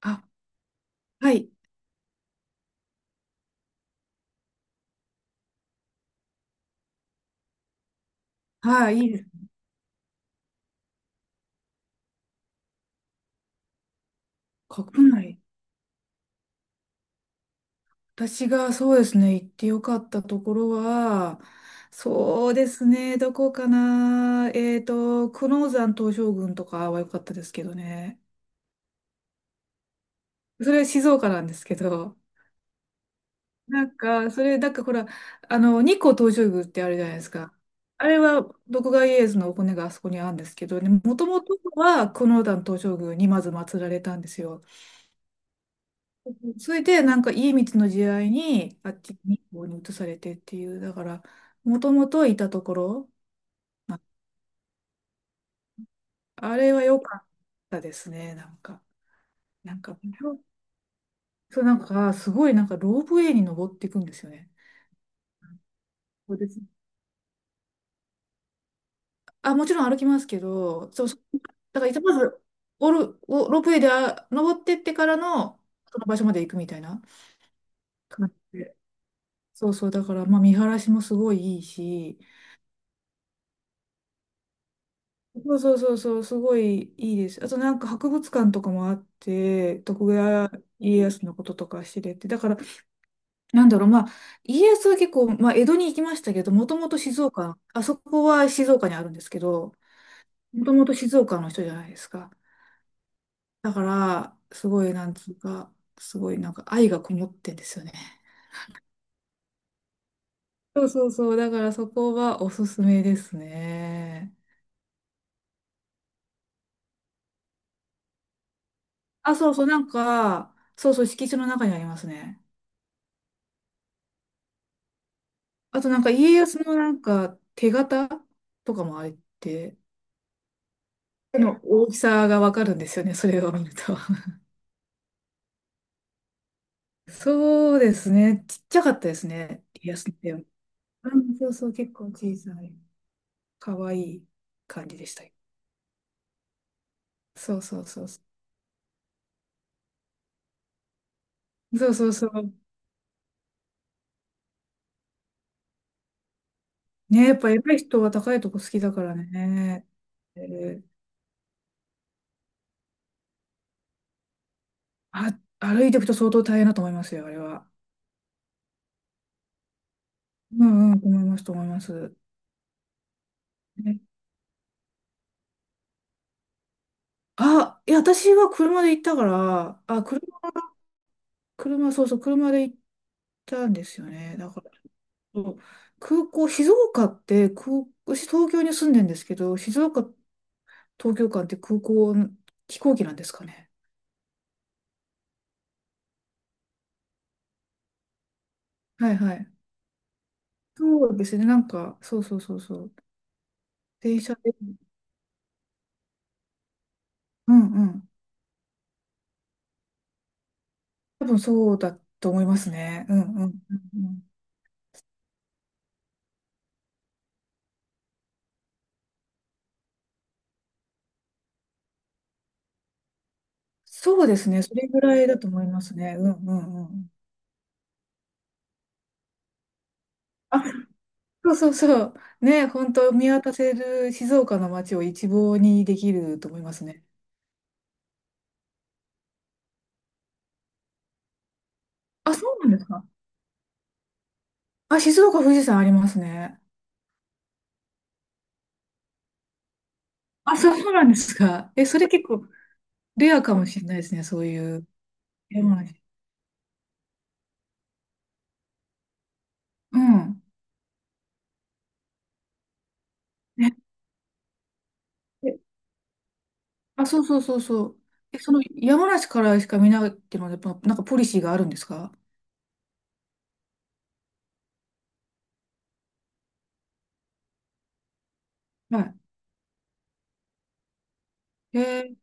あ、はい、はい、いいです。国内。私がそうですね、行ってよかったところは、そうですね、どこかな。久能山東照宮とかは良かったですけどね。それは静岡なんですけど、なんか、それ、なんかほら、あの、日光東照宮ってあるじゃないですか。あれは、徳川家康のお骨があそこにあるんですけどね、もともとは久能山東照宮にまず祀られたんですよ。それで、なんか、家光の時代に、あっちに、こうに移されてっていう、だから、もともといたところ、ああれは良かったですね、なんか。なんか、そう、なんか、すごい、なんか、ロープウェイに登っていくんですよね。そうです。あ、もちろん歩きますけど、そう、そう、だから、まず、おる、お、ロープウェイで登ってってからの、その場所まで行くみたいな感じで。そうそう、だから、まあ、見晴らしもすごいいいし、そうそうそうそう、すごいいいです。あとなんか博物館とかもあって、徳川家康のこととか知れて、だから、なんだろう、まあ、家康は結構、まあ、江戸に行きましたけど、もともと静岡、あそこは静岡にあるんですけど、もともと静岡の人じゃないですか。だから、すごい、なんつうか、すごいなんか愛がこもってんですよね。そうそうそう、だからそこはおすすめですね。あ、そうそう、なんか、そうそう、敷地の中にありますね。あとなんか家康のなんか手形とかもあれって、手の大きさがわかるんですよね、それを見ると。そうですね、ちっちゃかったですね、家康の手は。うんそうそう、結構小さい、かわいい感じでした。そうそうそうそう。そうそうそう。ね、やっぱ偉い人は高いとこ好きだからね。えー、あ、歩いていくと相当大変だと思いますよ、あれは。うんうん、思います。ね、あ、いや、私は車で行ったから、あ、そうそう、車で行ったんですよね。だから、そう、空港、静岡って空、私東京に住んでんですけど、静岡、東京間って空港、飛行機なんですかね。はいはい。そうですね、なんか、そうそうそうそう。電車で、うんうん。多分そうだと思いますね。うんうんうんうん。そうですね、それぐらいだと思いますね。うんうんうん。あ、そうそうそう。ね、本当見渡せる静岡の街を一望にできると思いますね。あ、そうなんですか。あ、静岡、富士山ありますね。あ、そうなんですか。え、それ結構レアかもしれないですね、そういう山梨。うん。ねえ、あ、そうそうそうそう。え、その山梨からしか見ないっていうのは、やっぱなんかポリシーがあるんですか？はい。えー、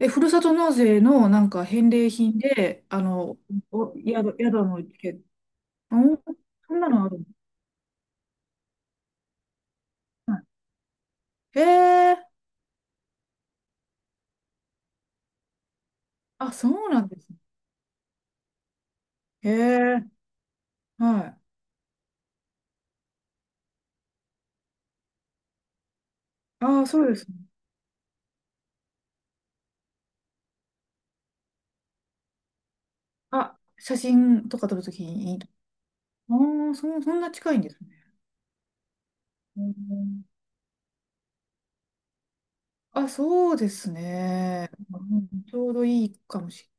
え、ふるさと納税のなんか返礼品で、あの、宿、宿のけ、うん、そんなのあるの？はい。へえー、あ、そうなんですね。へえー、はい。ああ、そうですね。あ、写真とか撮るときにいいと、ああ、そんな近いんですね。うん、あ、そうですね。うん、ちょうどいいかもしれ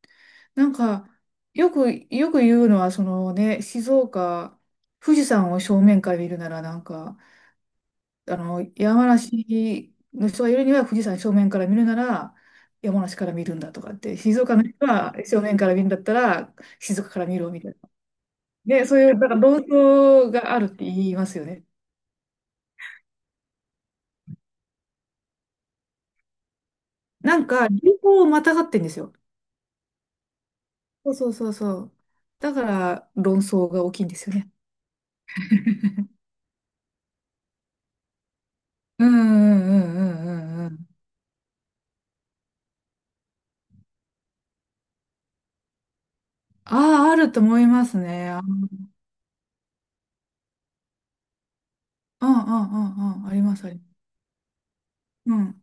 ない。なんか、よく言うのは、そのね、静岡、富士山を正面から見るなら、なんか、あの、山梨の人がいるには、富士山正面から見るなら、山梨から見るんだとかって、静岡の人は正面から見るんだったら、静岡から見ろみたいな。で、そういう、なんか論争があるって言いますよね。流行をまたがってんですよ。そうそうそうそう。だから、論争が大きいんですよね。うんうんうんうんうんうん。ああ、あると思いますね。あ、うんうんうんうん。あります、あります。うん。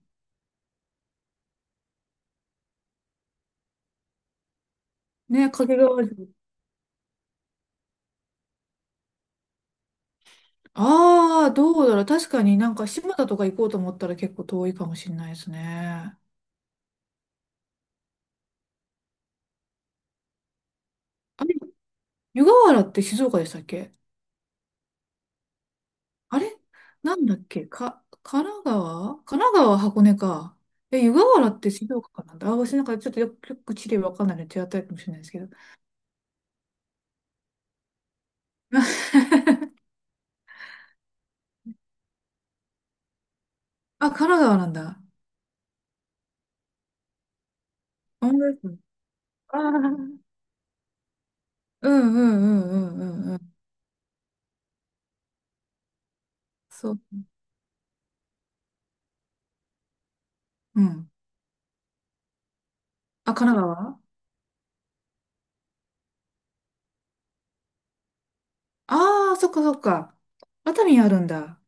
ね、掛川城。ああ、どうだろう。確かになんか島田とか行こうと思ったら結構遠いかもしれないですね。あれ、湯河原って静岡でしたっけ？あれ、なんだっけか、神奈川、箱根か。え、湯河原って静岡かなんだ。あ、私なんかちょっとよく、よく地理わかんないので手当たりかもしれないですけど。あ、神奈川なんだ。本当ですね。あー、うんうんうんうんうんうん。そう。うん。あ、神奈川。ああー、そっかそっか。熱海あるんだ。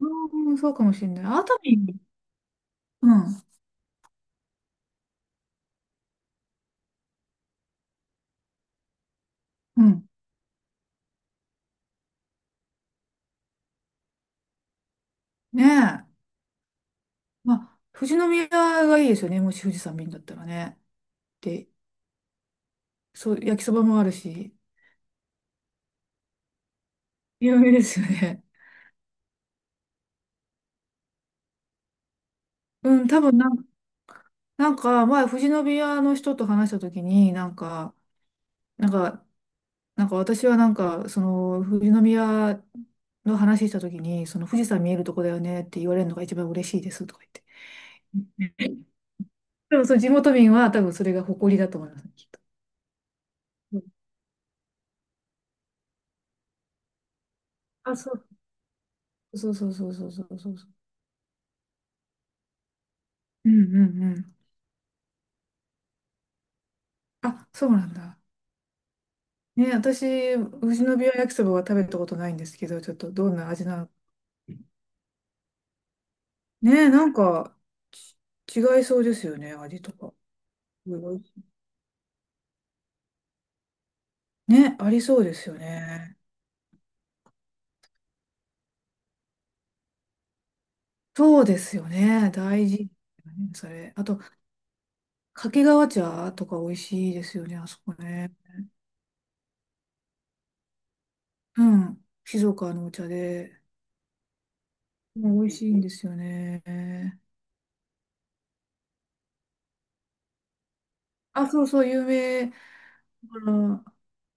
うん、そうかもしれない。熱海。うん。うん。ねえ。まあ、富士宮がいいですよね。もし富士山見るんだったらね。で、そう、焼きそばもあるし。有名ですよね。うん、多分なん、なんか前、富士宮の人と話したときに、なんか、なんか、なんか私はなんか、その、富士宮の話したときに、その富士山見えるとこだよねって言われるのが一番嬉しいですとか言って。でも、その地元民は多分それが誇りだと思いますね、きっと。うん、あ、そう、そうそうそうそうそうそうそう。うんうんうん。あ、そうなんだ。ね、私、富士宮焼きそばは食べたことないんですけど、ちょっとどんな味なの？ねえ、なんか、違いそうですよね、味とか。すごいね、ありそうですよね。そうですよね、大事。ね、それ。あと、掛川茶とか美味しいですよね、あそこね。うん、静岡のお茶で。もう美味しいんですよね。あ、そうそう、有名。だか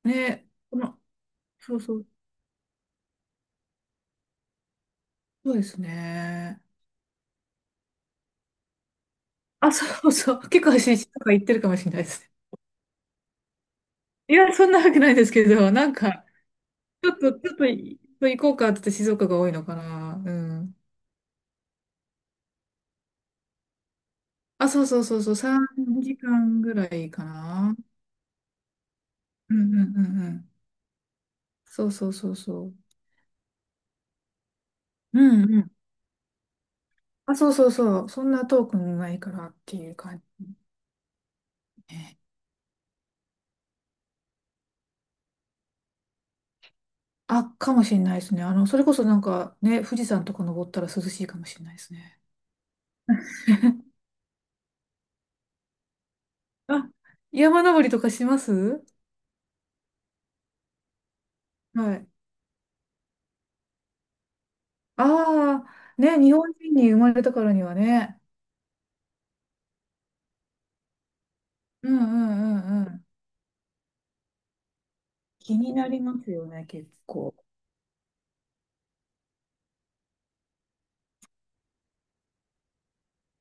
らね、この、そうそう、そうですね。あ、そうそう、結構私、とか言ってるかもしれないですね。いや、そんなわけないですけど、なんか、ちょっとい、行こうかって言って静岡が多いのかな。うん。あ、そうそうそうそう、3時間ぐらいかな。うんうんうんうん。そうそうそうそう。うんうん。あ、そうそうそう。そんな遠くもないからっていう感じね。あ、かもしれないですね。あの、それこそなんかね、富士山とか登ったら涼しいかもしれないですね。あ、山登りとかします？はい。ああ、ね、日本人に生まれたからにはね。うんうんうんうん。気になりますよね、結構。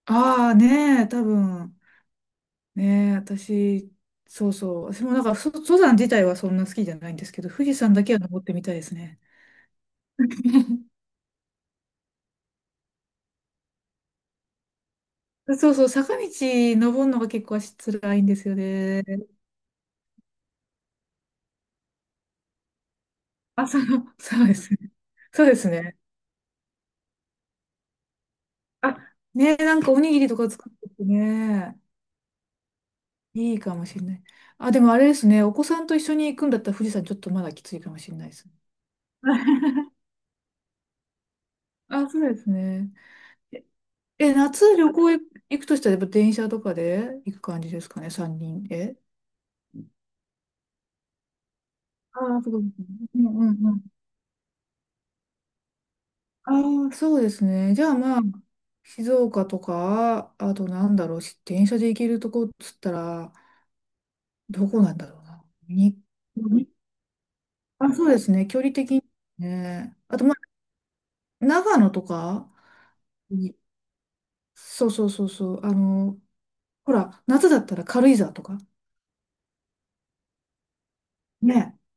ああねえ、多分ねえ、私、そうそう、私もなんか登山自体はそんな好きじゃないんですけど、富士山だけは登ってみたいですね。そうそう、坂道登るのが結構足辛いんですよね。あ、そうですね。そうですね。あ、ねえ、なんかおにぎりとか作っててね、いいかもしれない。あ、でもあれですね、お子さんと一緒に行くんだったら富士山ちょっとまだきついかもしれないです。あ、そうですね。え、夏旅行行くとしたら、やっぱ電車とかで行く感じですかね、三人で。ああ、そうですね。うんうんうん。ああ、そうですね。じゃあまあ、静岡とか、あとなんだろう、電車で行けるとこっつったら、どこなんだろうな。に、に、あ、そうですね。距離的にね。あとまあ、長野とか、に、そうそうそうそう。あの、ほら、夏だったら軽井沢とか。ね。